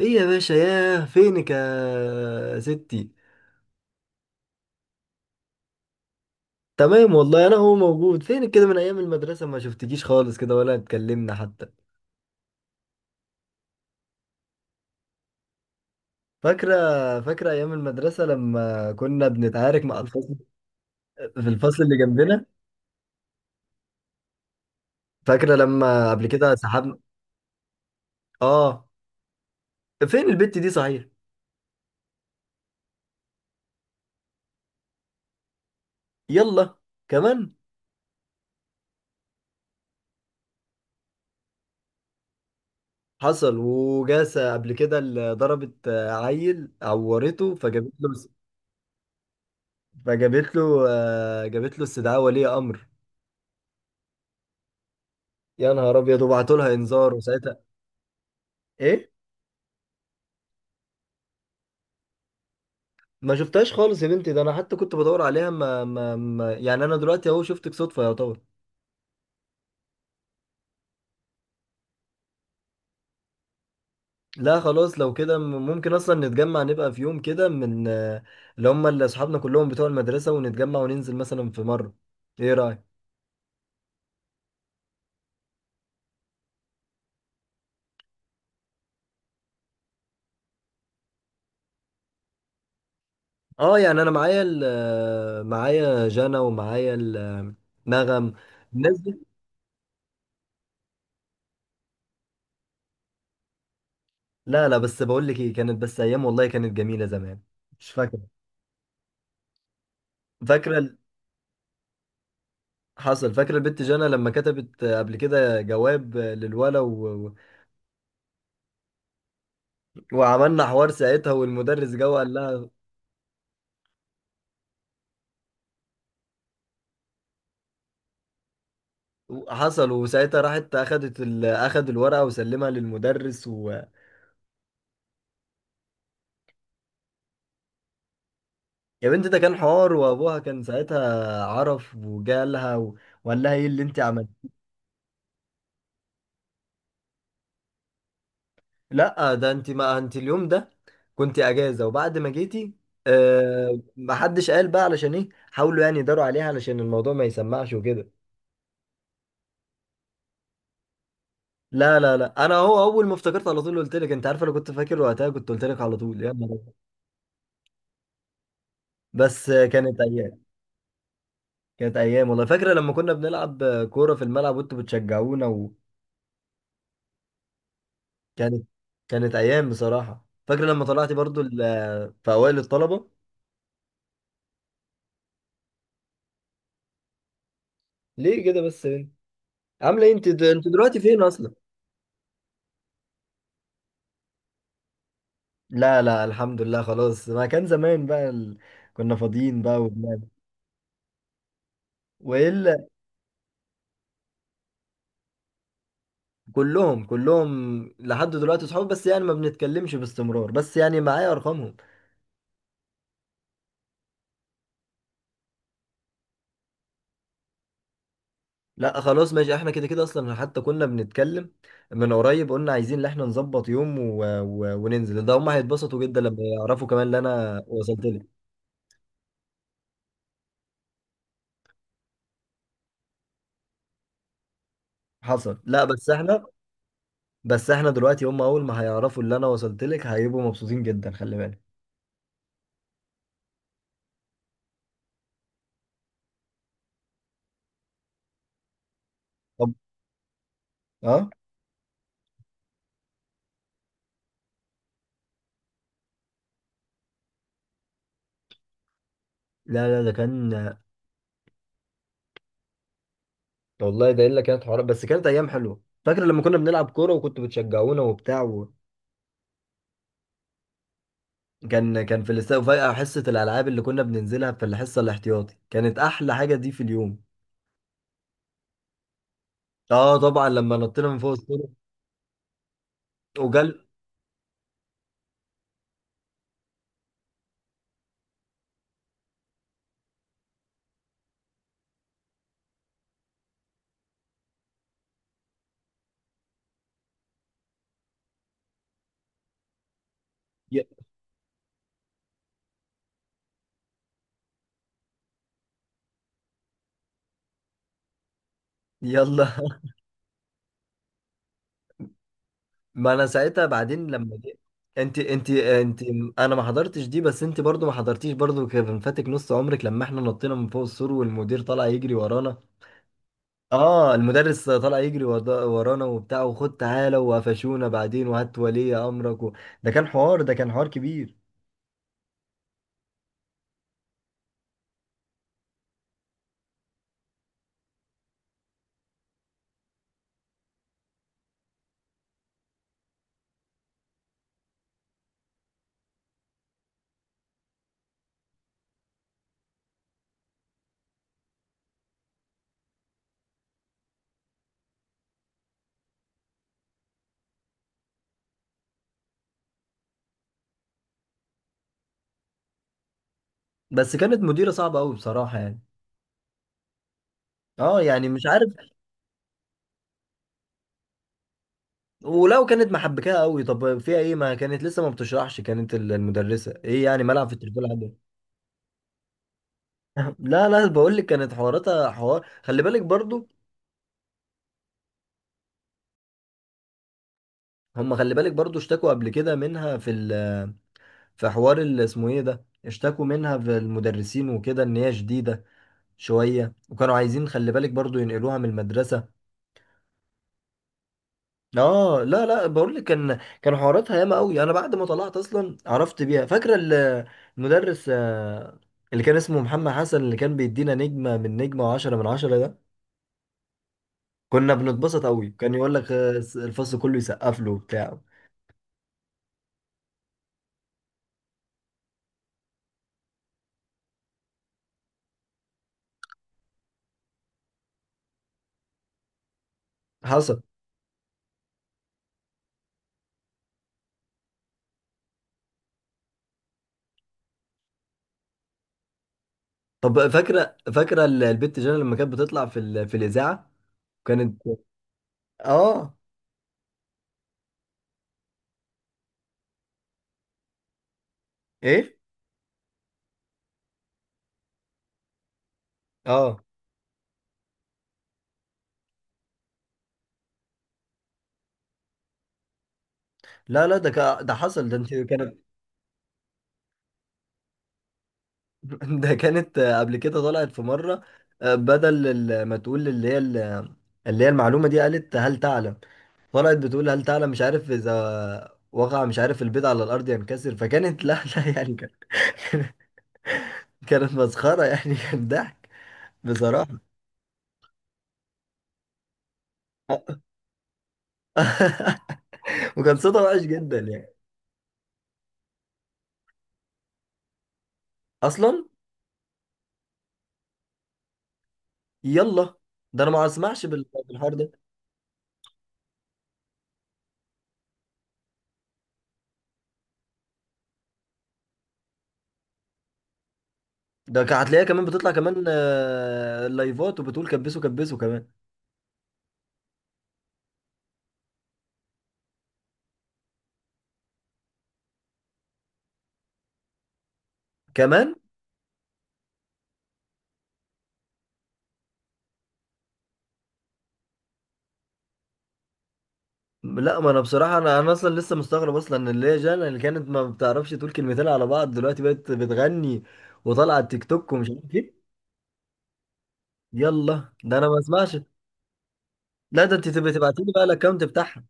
ايه يا باشا، ياه فينك يا ستي؟ تمام والله، انا هو موجود. فينك كده من ايام المدرسة، ما شفتكيش خالص كده ولا اتكلمنا حتى. فاكرة؟ فاكرة ايام المدرسة لما كنا بنتعارك مع الفصل في الفصل اللي جنبنا؟ فاكرة لما قبل كده سحبنا؟ اه. فين البت دي صحيح؟ يلا كمان. حصل وجاسة قبل كده، اللي ضربت عيل عورته فجابت له فجابت له آه، جابت له استدعاء ولي امر. يا نهار ابيض! وبعتوا لها انذار وساعتها؟ ايه؟ ما شفتهاش خالص يا بنتي، ده انا حتى كنت بدور عليها. ما يعني انا دلوقتي اهو شفتك صدفة يا طبعا. لا خلاص، لو كده ممكن اصلا نتجمع، نبقى في يوم كده من اللي هم اللي اصحابنا كلهم بتوع المدرسة، ونتجمع وننزل مثلا في مرة. ايه رأيك؟ اه يعني انا معايا معايا جانا ومعايا نغم. الناس دي، لا لا، بس بقول لك ايه، كانت بس ايام والله، كانت جميلة زمان. مش فاكرة؟ فاكرة؟ حصل، فاكر البت جانا لما كتبت قبل كده جواب للولا وعملنا حوار ساعتها والمدرس جه وقال لها. حصل وساعتها راحت اخدت اخد الورقه وسلمها للمدرس و... يا بنت، ده كان حوار، وابوها كان ساعتها عرف وجه لها و... وقال لها ايه اللي انت عملت. لا ده انت، ما انت اليوم ده كنت اجازه، وبعد ما جيتي ما حدش قال، بقى علشان ايه حاولوا يعني يداروا عليها علشان الموضوع ما يسمعش وكده. لا لا لا، انا هو اول ما افتكرت على طول قلت لك، انت عارف انا كنت فاكر وقتها، كنت قلت لك على طول، يا نهار أبيض. بس كانت ايام، كانت ايام والله. فاكره لما كنا بنلعب كوره في الملعب وانتوا بتشجعونا. وكانت ايام بصراحه، فاكره لما طلعتي برضو في اوائل الطلبه. ليه كده بس ليه؟ عامله ايه انت؟ انت دلوقتي فين اصلا؟ لا لا، الحمد لله خلاص، ما كان زمان بقى كنا فاضيين بقى وبنعمل. والا؟ كلهم لحد دلوقتي صحاب، بس يعني ما بنتكلمش باستمرار، بس يعني معايا ارقامهم. لا خلاص ماشي، احنا كده كده اصلا حتى كنا بنتكلم من قريب، قلنا عايزين ان احنا نظبط يوم وننزل. ده هم هيتبسطوا جدا لما يعرفوا كمان اللي انا وصلت لك. حصل. لا بس احنا دلوقتي هم اول ما هيعرفوا اللي انا وصلت لك هيبقوا مبسوطين جدا، خلي بالك. طب. اه. لا لا ده كان، والله ده الا كانت حوارات، بس كانت ايام حلوه، فاكر لما كنا بنلعب كوره وكنتوا بتشجعونا وبتاع و... كان في الاستاد، وفجأة حصة الألعاب اللي كنا بننزلها في الحصة الاحتياطي كانت أحلى حاجة دي في اليوم. اه طبعا لما نطينا من فوق السور وجال. ي- يلا. ما انا ساعتها بعدين لما جه. انت انا ما حضرتش دي، بس انت برضو ما حضرتيش برضو، كان فاتك نص عمرك لما احنا نطينا من فوق السور والمدير طلع يجري ورانا. اه المدرس طلع يجري ورانا وبتاع، وخد تعالى، وقفشونا بعدين، وهات ولي امرك و... ده كان حوار كبير. بس كانت مديرة صعبة قوي بصراحة يعني. اه يعني مش عارف. ولو كانت محبكاه قوي، طب فيها ايه؟ ما كانت لسه ما بتشرحش، كانت المدرسه ايه يعني؟ ملعب في التليفون عندي. لا لا، بقول لك كانت حواراتها حوار، خلي بالك برضو. هم خلي بالك برضو اشتكوا قبل كده منها في في حوار اللي اسمه ايه ده، اشتكوا منها في المدرسين وكده، ان هي شديده شويه، وكانوا عايزين خلي بالك برضو ينقلوها من المدرسه. اه. لا لا، بقول لك كان حواراتها ياما قوي، انا بعد ما طلعت اصلا عرفت بيها. فاكره المدرس اللي كان اسمه محمد حسن، اللي كان بيدينا نجمه من نجمه وعشرة من عشرة ده، كنا بنتبسط قوي، كان يقول لك الفصل كله يسقف له وبتاع. حصل. طب فاكره؟ فاكره البت جانا لما كانت بتطلع في في الاذاعه. كانت. اه. ايه. اه. لا لا ده ده حصل، ده انت كانت. ده كانت قبل كده طلعت في مرة، بدل ما تقول اللي هي اللي هي المعلومة دي، قالت هل تعلم. طلعت بتقول هل تعلم مش عارف إذا وقع مش عارف البيض على الأرض ينكسر، فكانت لا لا يعني كانت مسخرة يعني، كان ضحك بصراحة. وكان صوتها وحش جدا يعني. أصلا. يلا. ده أنا ما أسمعش بالحوار ده. ده هتلاقيها كمان بتطلع كمان لايفات، وبتقول كبسوا كبسوا كمان كمان. لا ما انا بصراحه، انا اصلا لسه مستغرب اصلا، ان اللي هي جانا، اللي كانت ما بتعرفش تقول كلمتين على بعض، دلوقتي بقت بتغني وطالعه على التيك توك ومش عارف ايه. يلا ده انا ما اسمعش. لا ده انت تبقي تبعتي لي بقى الاكونت بتاعها.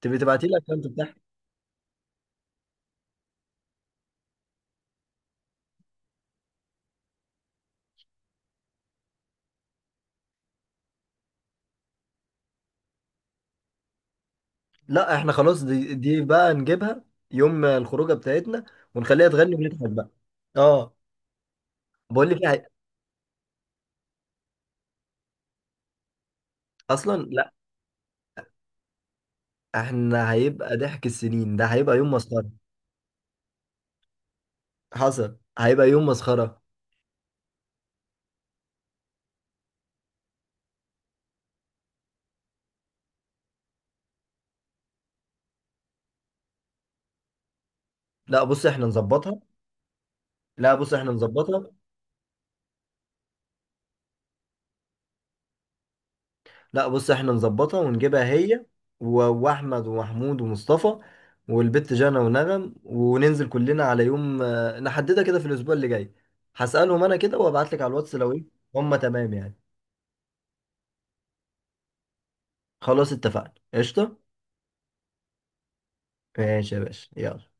تبقي تبعتي لي الاكونت بتاعها. لا احنا خلاص، دي بقى نجيبها يوم الخروجه بتاعتنا، ونخليها تغني ونضحك بقى. اه. بقول لك إيه، اصلا لا. احنا هيبقى ضحك السنين، ده هيبقى يوم مسخره. حصل هيبقى يوم مسخره. لا بص احنا نظبطها لا بص احنا نظبطها لا بص احنا نظبطها ونجيبها هي واحمد ومحمود ومصطفى والبت جانا ونغم، وننزل كلنا على يوم نحددها كده في الاسبوع اللي جاي. هسألهم انا كده وابعت لك على الواتس لو ايه. هم تمام يعني. خلاص اتفقنا، قشطة. ماشي يا باشا، يلا.